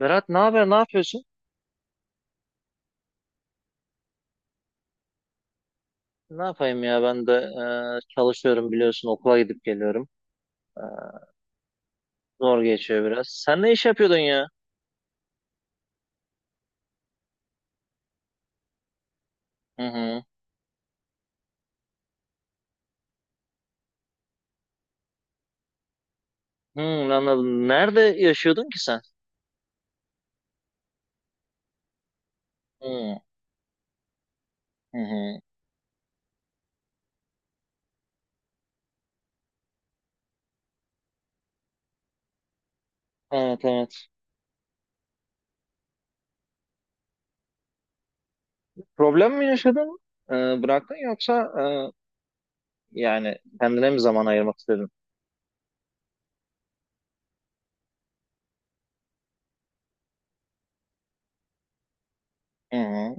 Berat, ne haber? Ne yapıyorsun? Ne yapayım ya, ben de çalışıyorum, biliyorsun, okula gidip geliyorum. E, Zor geçiyor biraz. Sen ne iş yapıyordun ya? Hı hı. Hı, anladım. Nerede yaşıyordun ki sen? Hı hı. Hı. Evet, evet. Problem mi yaşadın? E, Bıraktın yoksa yani kendine mi zaman ayırmak istedin? Hı hı.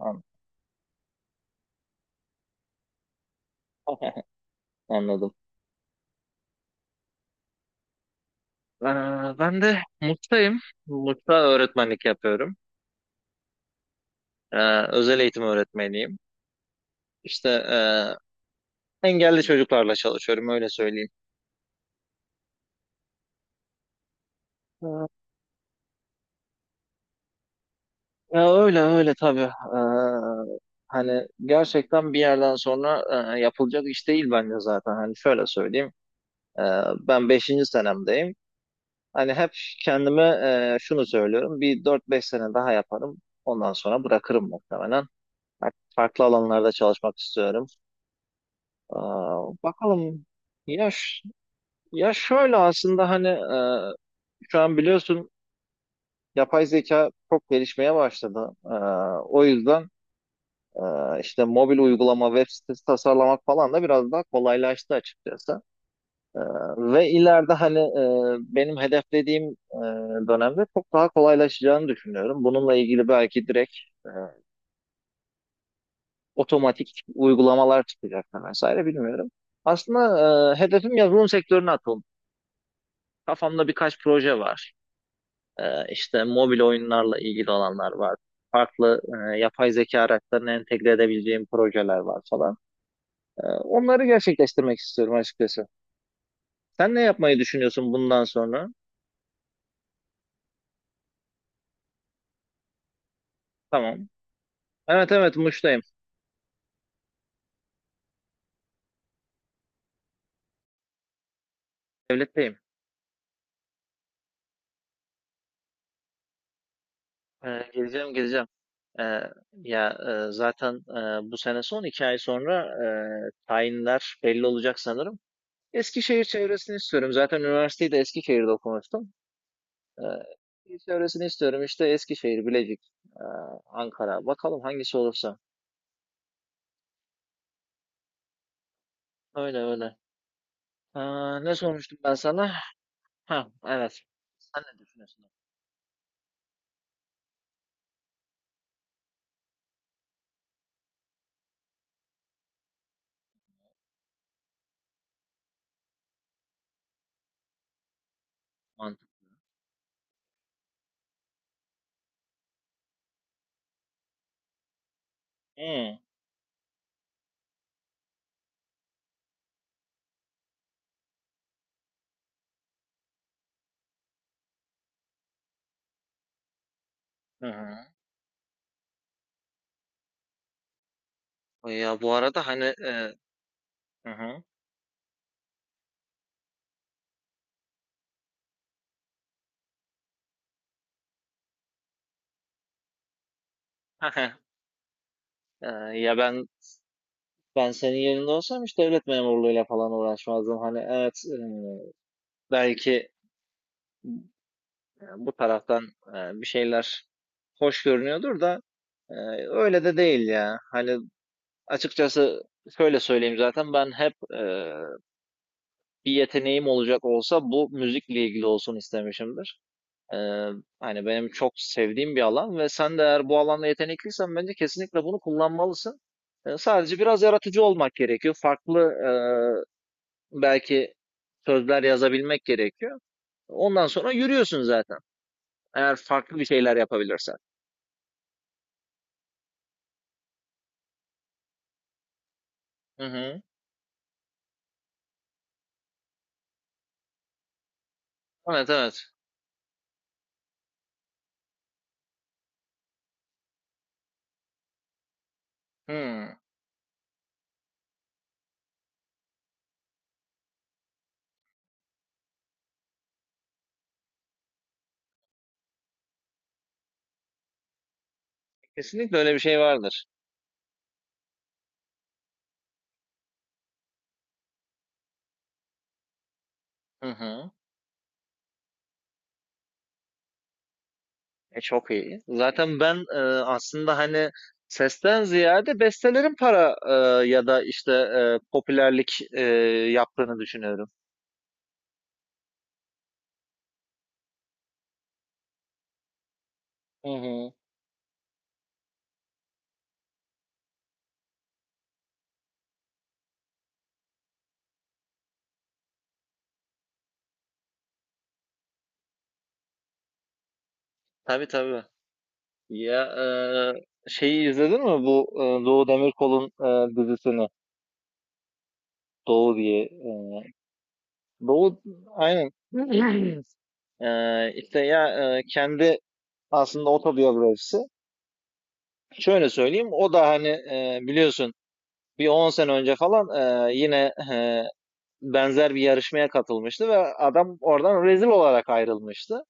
An- Anladım. E, Ben de Mut'tayım. Mut'ta öğretmenlik yapıyorum. E, Özel eğitim öğretmeniyim. İşte engelli çocuklarla çalışıyorum, öyle söyleyeyim. Ee, Ya, öyle öyle tabii. Hani gerçekten bir yerden sonra yapılacak iş değil bence zaten. Hani şöyle söyleyeyim. Ee, Ben beşinci senemdeyim. Hani hep kendime şunu söylüyorum. Bir 4-5 sene daha yaparım. Ondan sonra bırakırım muhtemelen. Artık farklı alanlarda çalışmak istiyorum. Ee, Bakalım. Ya, şöyle aslında, hani, şu an biliyorsun, yapay zeka çok gelişmeye başladı. O yüzden, işte, mobil uygulama, web sitesi tasarlamak falan da biraz daha kolaylaştı açıkçası. Ee, Ve ileride, hani, benim hedeflediğim dönemde çok daha kolaylaşacağını düşünüyorum. Bununla ilgili belki direkt e, otomatik uygulamalar çıkacak da vesaire, bilmiyorum. Aslında hedefim yazılım sektörüne atılmak. Kafamda birkaç proje var. İşte mobil oyunlarla ilgili olanlar var. Farklı yapay zeka araçlarını entegre edebileceğim projeler var falan. Onları gerçekleştirmek istiyorum açıkçası. Sen ne yapmayı düşünüyorsun bundan sonra? Tamam. Evet, evet, Muş'tayım. Devletteyim. Geleceğim, geleceğim. Ee, Ya, zaten, bu sene son 2 ay sonra, tayinler belli olacak sanırım. Eskişehir çevresini istiyorum. Zaten üniversiteyi de Eskişehir'de okumuştum. Çevresini istiyorum, işte Eskişehir, Bilecik, ee, Ankara. Bakalım hangisi olursa. Öyle öyle. Aa, ne sormuştum ben sana? Ha, evet. Sen ne düşünüyorsun? Mantık. Hı, hı hı. Ya, bu arada hani hı hı. Ee, Ya, ben senin yerinde olsam hiç devlet memurluğuyla falan uğraşmazdım. Hani evet, belki bu taraftan bir şeyler hoş görünüyordur da, e, öyle de değil ya. Hani, açıkçası, şöyle söyleyeyim, zaten ben hep bir yeteneğim olacak olsa bu müzikle ilgili olsun istemişimdir. E, Hani benim çok sevdiğim bir alan ve sen de eğer bu alanda yetenekliysen bence kesinlikle bunu kullanmalısın. Sadece biraz yaratıcı olmak gerekiyor. Farklı belki sözler yazabilmek gerekiyor. Ondan sonra yürüyorsun zaten, eğer farklı bir şeyler yapabilirsen. Hı hı. Evet, evet. Hı. Kesinlikle öyle bir şey vardır. Hı hı. Çok iyi. Zaten ben, aslında hani, sesten ziyade bestelerin para ya da işte popülerlik yaptığını düşünüyorum. Hı hı. Tabii tabii. Ya, şeyi izledin mi, bu Doğu Demirkol'un dizisini? Doğu diye. Doğu, aynen. E, işte ya, kendi aslında otobiyografisi. Şöyle söyleyeyim, o da hani biliyorsun, bir 10 sene önce falan yine benzer bir yarışmaya katılmıştı ve adam oradan rezil olarak ayrılmıştı.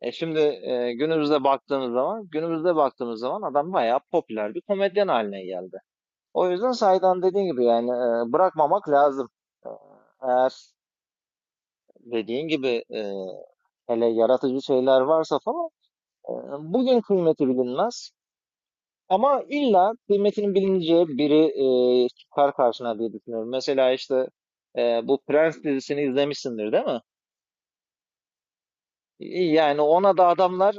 Şimdi günümüzde baktığımız zaman adam bayağı popüler bir komedyen haline geldi. O yüzden Saydan, dediğin gibi, yani, bırakmamak lazım. E, Eğer dediğin gibi, hele yaratıcı şeyler varsa falan, e, bugün kıymeti bilinmez. Ama illa kıymetinin bilineceği biri çıkar karşına diye düşünüyorum. Mesela işte, bu Prens dizisini izlemişsindir değil mi? İyi. Yani ona da adamlar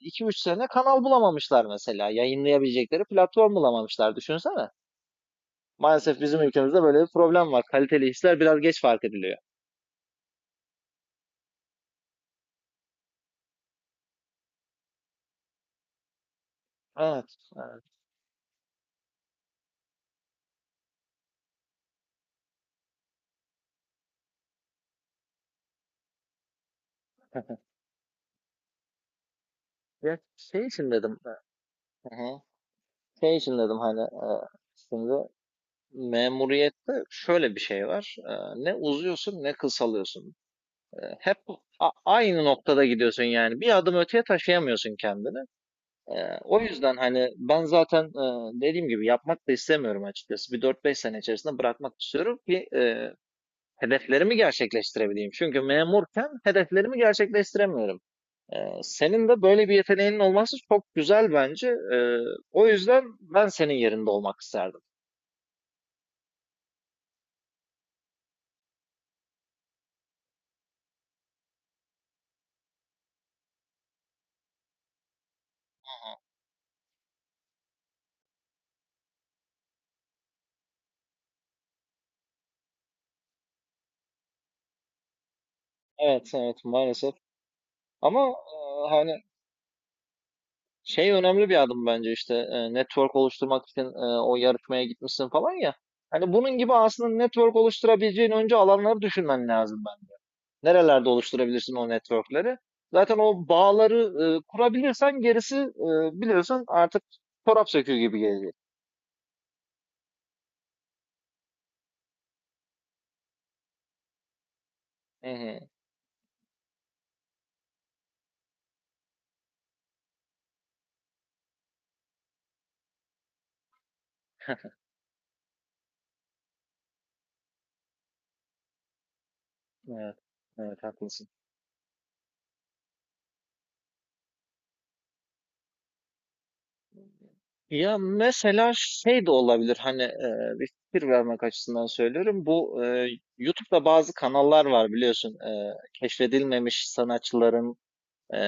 2-3 sene kanal bulamamışlar mesela. Yayınlayabilecekleri platform bulamamışlar. Düşünsene. Maalesef bizim ülkemizde böyle bir problem var. Kaliteli işler biraz geç fark ediliyor. Evet. Evet. Ya, şey için dedim. Hı hı. Şey için dedim, hani, şimdi memuriyette şöyle bir şey var. Ne uzuyorsun ne kısalıyorsun. Hep aynı noktada gidiyorsun yani. Bir adım öteye taşıyamıyorsun kendini. O yüzden hani ben zaten, dediğim gibi, yapmak da istemiyorum açıkçası. Bir 4-5 sene içerisinde bırakmak istiyorum ki hedeflerimi gerçekleştirebileyim. Çünkü memurken hedeflerimi gerçekleştiremiyorum. Ee, Senin de böyle bir yeteneğinin olması çok güzel bence. Ee, O yüzden ben senin yerinde olmak isterdim. Evet, evet maalesef. Ama hani, şey önemli bir adım bence, işte network oluşturmak için o yarışmaya gitmişsin falan ya. Hani bunun gibi aslında network oluşturabileceğin önce alanları düşünmen lazım ben. Nerelerde oluşturabilirsin o networkleri? Zaten o bağları kurabilirsen gerisi, biliyorsun artık, çorap söküğü gibi gelecek. Hı hı. Evet, evet, haklısın. Ya, mesela şey de olabilir, hani, bir fikir vermek açısından söylüyorum. Bu YouTube'da bazı kanallar var, biliyorsun. Keşfedilmemiş sanatçıların e,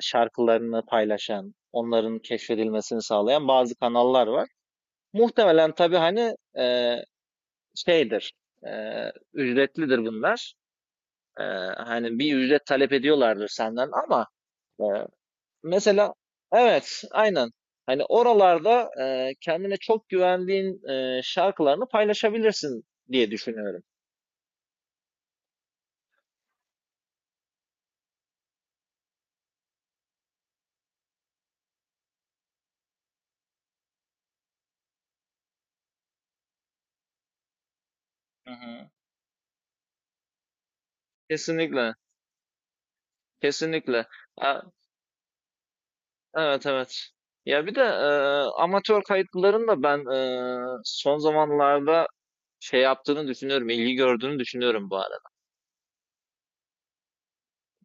şarkılarını paylaşan, onların keşfedilmesini sağlayan bazı kanallar var. Muhtemelen tabii, hani, şeydir, e, ücretlidir bunlar. E, Hani bir ücret talep ediyorlardır senden ama. Mesela evet, aynen. Hani oralarda kendine çok güvendiğin şarkılarını paylaşabilirsin diye düşünüyorum. Hı hı. Kesinlikle, kesinlikle. A- evet, evet. Ya bir de amatör kayıtların da ben son zamanlarda şey yaptığını düşünüyorum, ilgi gördüğünü düşünüyorum bu arada.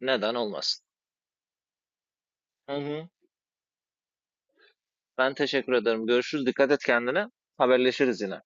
Neden olmasın? Hı hı. Ben teşekkür ederim. Görüşürüz. Dikkat et kendine. Haberleşiriz yine.